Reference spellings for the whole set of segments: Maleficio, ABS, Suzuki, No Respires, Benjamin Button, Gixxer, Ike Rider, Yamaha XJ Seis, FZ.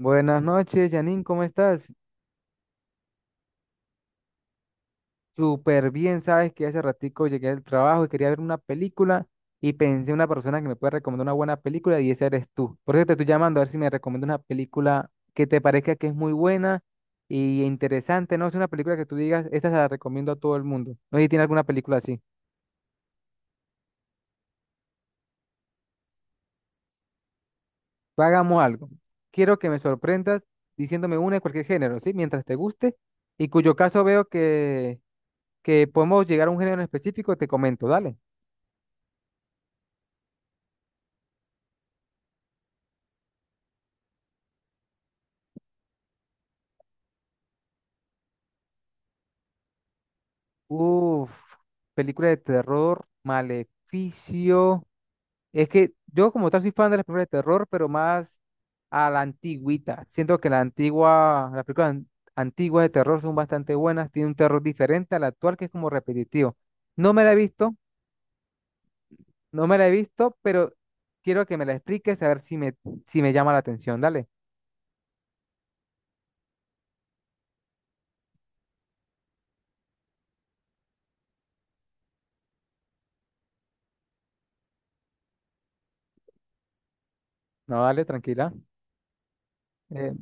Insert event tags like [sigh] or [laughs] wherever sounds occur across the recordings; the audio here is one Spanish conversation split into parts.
Buenas noches, Janine, ¿cómo estás? Súper bien, sabes que hace ratico llegué del trabajo y quería ver una película y pensé en una persona que me puede recomendar una buena película y esa eres tú. Por eso te estoy llamando a ver si me recomienda una película que te parezca que es muy buena y interesante, ¿no? Es una película que tú digas, esta se la recomiendo a todo el mundo. No sé si tiene alguna película así. Hagamos algo. Quiero que me sorprendas diciéndome una de cualquier género, ¿sí? Mientras te guste y cuyo caso veo que podemos llegar a un género en específico, te comento, dale. Uf, película de terror, Maleficio. Es que yo como tal soy fan de las películas de terror, pero más a la antigüita. Siento que la antigua, las antiguas de terror son bastante buenas, tiene un terror diferente al actual que es como repetitivo. No me la he visto, no me la he visto, pero quiero que me la expliques a ver si me, si me llama la atención. Dale. No, dale, tranquila. Eh,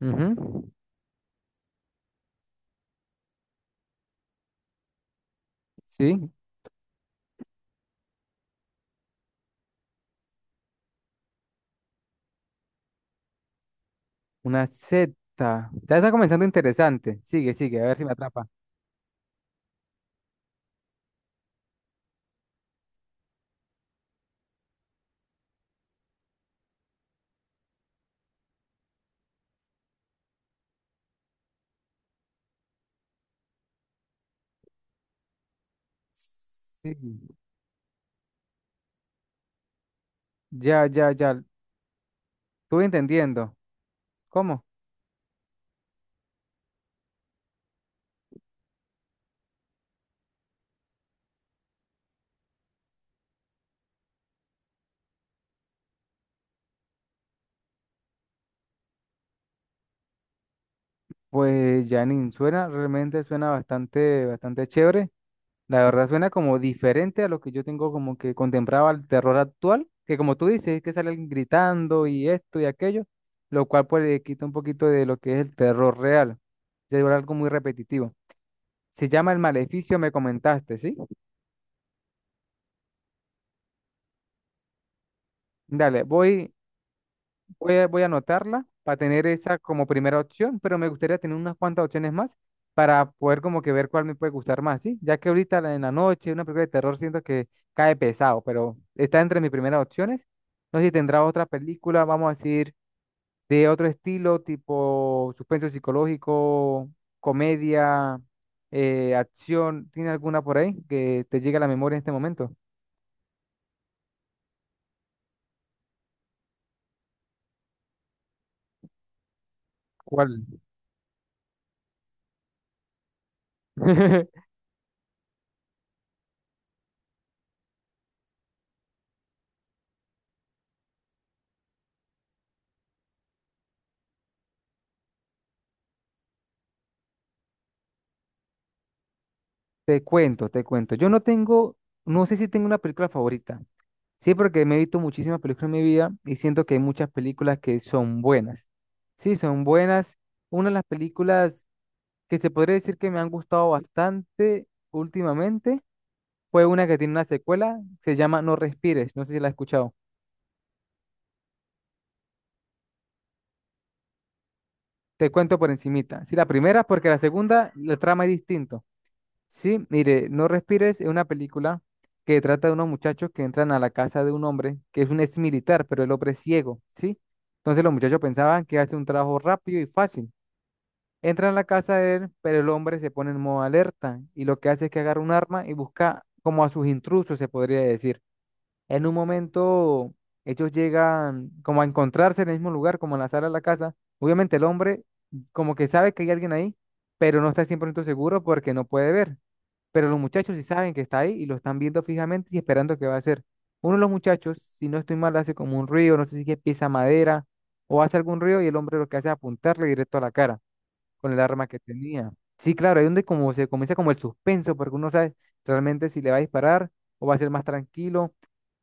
ujú. Sí, una Z. Ya está comenzando interesante. Sigue, sigue, a ver si me atrapa. Sí, ya, ya, ya. Estuve entendiendo. ¿Cómo? Pues Janine, suena, realmente suena bastante, bastante chévere. La verdad suena como diferente a lo que yo tengo como que contemplaba el terror actual, que como tú dices, es que salen gritando y esto y aquello, lo cual pues le quita un poquito de lo que es el terror real. Se vuelve algo muy repetitivo. Se llama El Maleficio, me comentaste, ¿sí? Dale, voy. Voy a anotarla para tener esa como primera opción, pero me gustaría tener unas cuantas opciones más para poder como que ver cuál me puede gustar más, ¿sí? Ya que en la noche una película de terror siento que cae pesado, pero está entre mis primeras opciones. No sé si tendrá otra película, vamos a decir, de otro estilo, tipo suspenso psicológico, comedia, acción. ¿Tiene alguna por ahí que te llegue a la memoria en este momento? ¿Cuál? [laughs] Te cuento, te cuento. Yo no tengo, no sé si tengo una película favorita. Sí, porque me he visto muchísimas películas en mi vida y siento que hay muchas películas que son buenas. Sí, son buenas. Una de las películas que se podría decir que me han gustado bastante últimamente fue una que tiene una secuela, se llama No Respires. No sé si la has escuchado. Te cuento por encimita. Sí, la primera, porque la segunda, la trama es distinta. Sí, mire, No Respires es una película que trata de unos muchachos que entran a la casa de un hombre que es un ex militar, pero el hombre es ciego, ¿sí? Entonces los muchachos pensaban que hace un trabajo rápido y fácil. Entran a la casa de él, pero el hombre se pone en modo alerta y lo que hace es que agarra un arma y busca como a sus intrusos, se podría decir. En un momento, ellos llegan como a encontrarse en el mismo lugar, como en la sala de la casa. Obviamente el hombre como que sabe que hay alguien ahí, pero no está 100% seguro porque no puede ver, pero los muchachos sí saben que está ahí y lo están viendo fijamente y esperando qué va a hacer. Uno de los muchachos, si no estoy mal, hace como un ruido, no sé si es que pisa madera o hace algún ruido y el hombre lo que hace es apuntarle directo a la cara con el arma que tenía. Sí, claro, ahí es donde como se comienza como el suspenso, porque uno no sabe realmente si le va a disparar o va a ser más tranquilo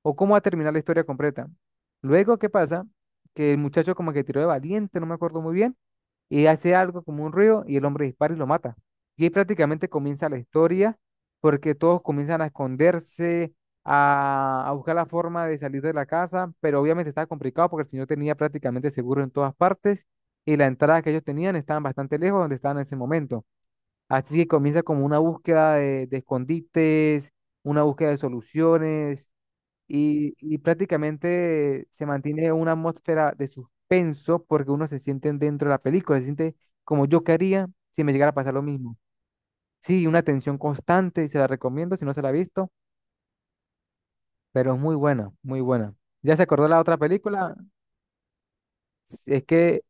o cómo va a terminar la historia completa. Luego, ¿qué pasa? Que el muchacho como que tiró de valiente, no me acuerdo muy bien, y hace algo como un ruido y el hombre dispara y lo mata. Y ahí prácticamente comienza la historia porque todos comienzan a esconderse, a buscar la forma de salir de la casa, pero obviamente estaba complicado porque el señor tenía prácticamente seguro en todas partes y la entrada que ellos tenían estaban bastante lejos de donde estaban en ese momento. Así que comienza como una búsqueda de escondites, una búsqueda de soluciones y prácticamente se mantiene una atmósfera de suspenso porque uno se siente dentro de la película, se siente como yo quería si me llegara a pasar lo mismo. Sí, una tensión constante y se la recomiendo si no se la ha visto, pero es muy buena, muy buena. ¿Ya se acordó la otra película? Si Es que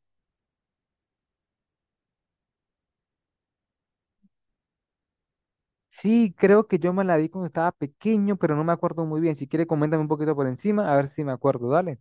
sí, creo que yo me la vi cuando estaba pequeño, pero no me acuerdo muy bien. Si quiere, coméntame un poquito por encima, a ver si me acuerdo, dale.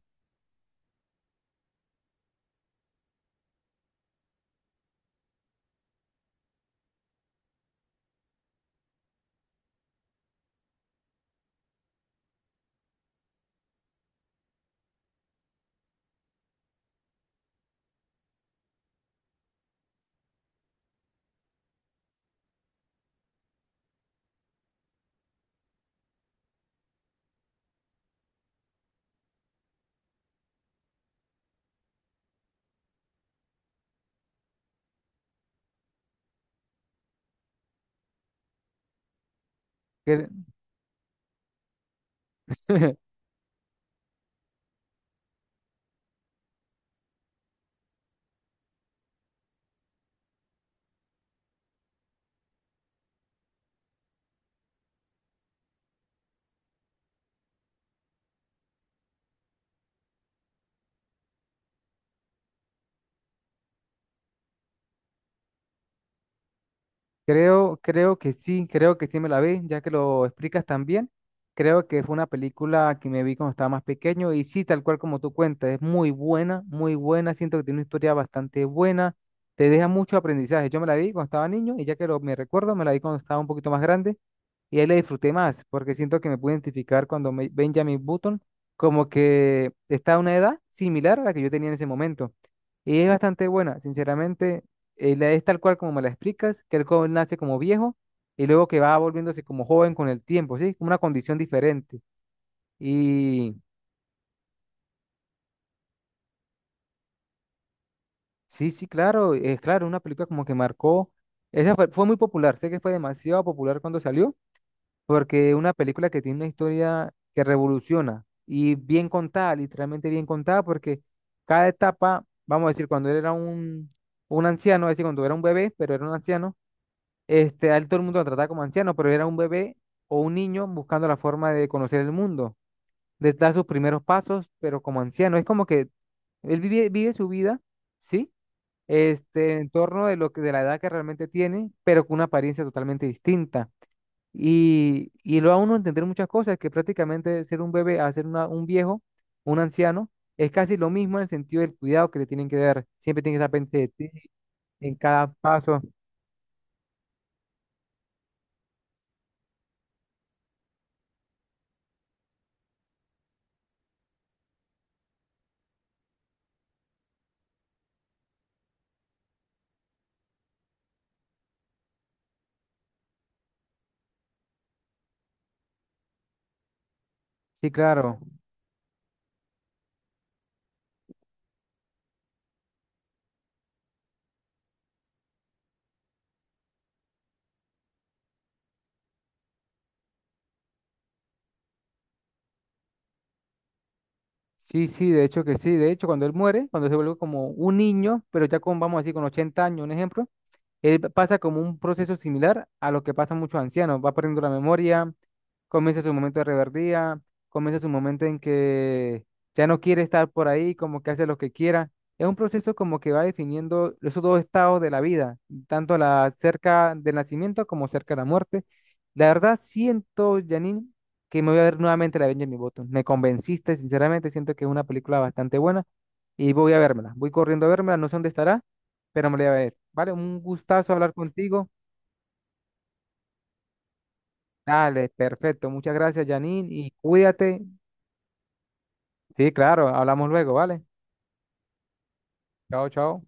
¿Qué- [laughs] Creo, creo que sí me la vi, ya que lo explicas también. Creo que fue una película que me vi cuando estaba más pequeño y sí, tal cual como tú cuentas, es muy buena, muy buena. Siento que tiene una historia bastante buena, te deja mucho aprendizaje. Yo me la vi cuando estaba niño y ya que lo, me recuerdo, me la vi cuando estaba un poquito más grande y ahí la disfruté más, porque siento que me pude identificar cuando me- Benjamin Button como que está a una edad similar a la que yo tenía en ese momento. Y es bastante buena, sinceramente, es tal cual como me la explicas, que el joven nace como viejo y luego que va volviéndose como joven con el tiempo, ¿sí? Como una condición diferente. Y sí, sí, claro, es claro, una película como que marcó, esa fue, fue muy popular, sé que fue demasiado popular cuando salió. Porque una película que tiene una historia que revoluciona y bien contada, literalmente bien contada, porque cada etapa, vamos a decir, cuando un anciano, es decir, cuando era un bebé, pero era un anciano, este, a él todo el mundo lo trataba como anciano, pero era un bebé o un niño buscando la forma de conocer el mundo, de dar sus primeros pasos, pero como anciano. Es como que él vive, vive su vida, ¿sí? Este, en torno de lo que, de la edad que realmente tiene, pero con una apariencia totalmente distinta. Y lo da uno a entender muchas cosas, que prácticamente ser un bebé a ser un viejo, un anciano, es casi lo mismo en el sentido del cuidado que le tienen que dar. Siempre tienen que estar pendiente de ti en cada paso. Sí, claro. Sí, sí, de hecho que sí. De hecho, cuando él muere, cuando se vuelve como un niño, pero ya con, vamos a decir, con 80 años, un ejemplo, él pasa como un proceso similar a lo que pasa a muchos ancianos. Va perdiendo la memoria, comienza su momento de reverdía, comienza su momento en que ya no quiere estar por ahí, como que hace lo que quiera. Es un proceso como que va definiendo esos dos estados de la vida, tanto la cerca del nacimiento como cerca de la muerte. La verdad, siento, Janine, que me voy a ver nuevamente la Benjamin Button. Me convenciste, sinceramente, siento que es una película bastante buena y voy a vérmela. Voy corriendo a vérmela, no sé dónde estará, pero me lo voy a ver. Vale, un gustazo hablar contigo. Dale, perfecto. Muchas gracias, Janine, y cuídate. Sí, claro, hablamos luego, ¿vale? Chao, chao.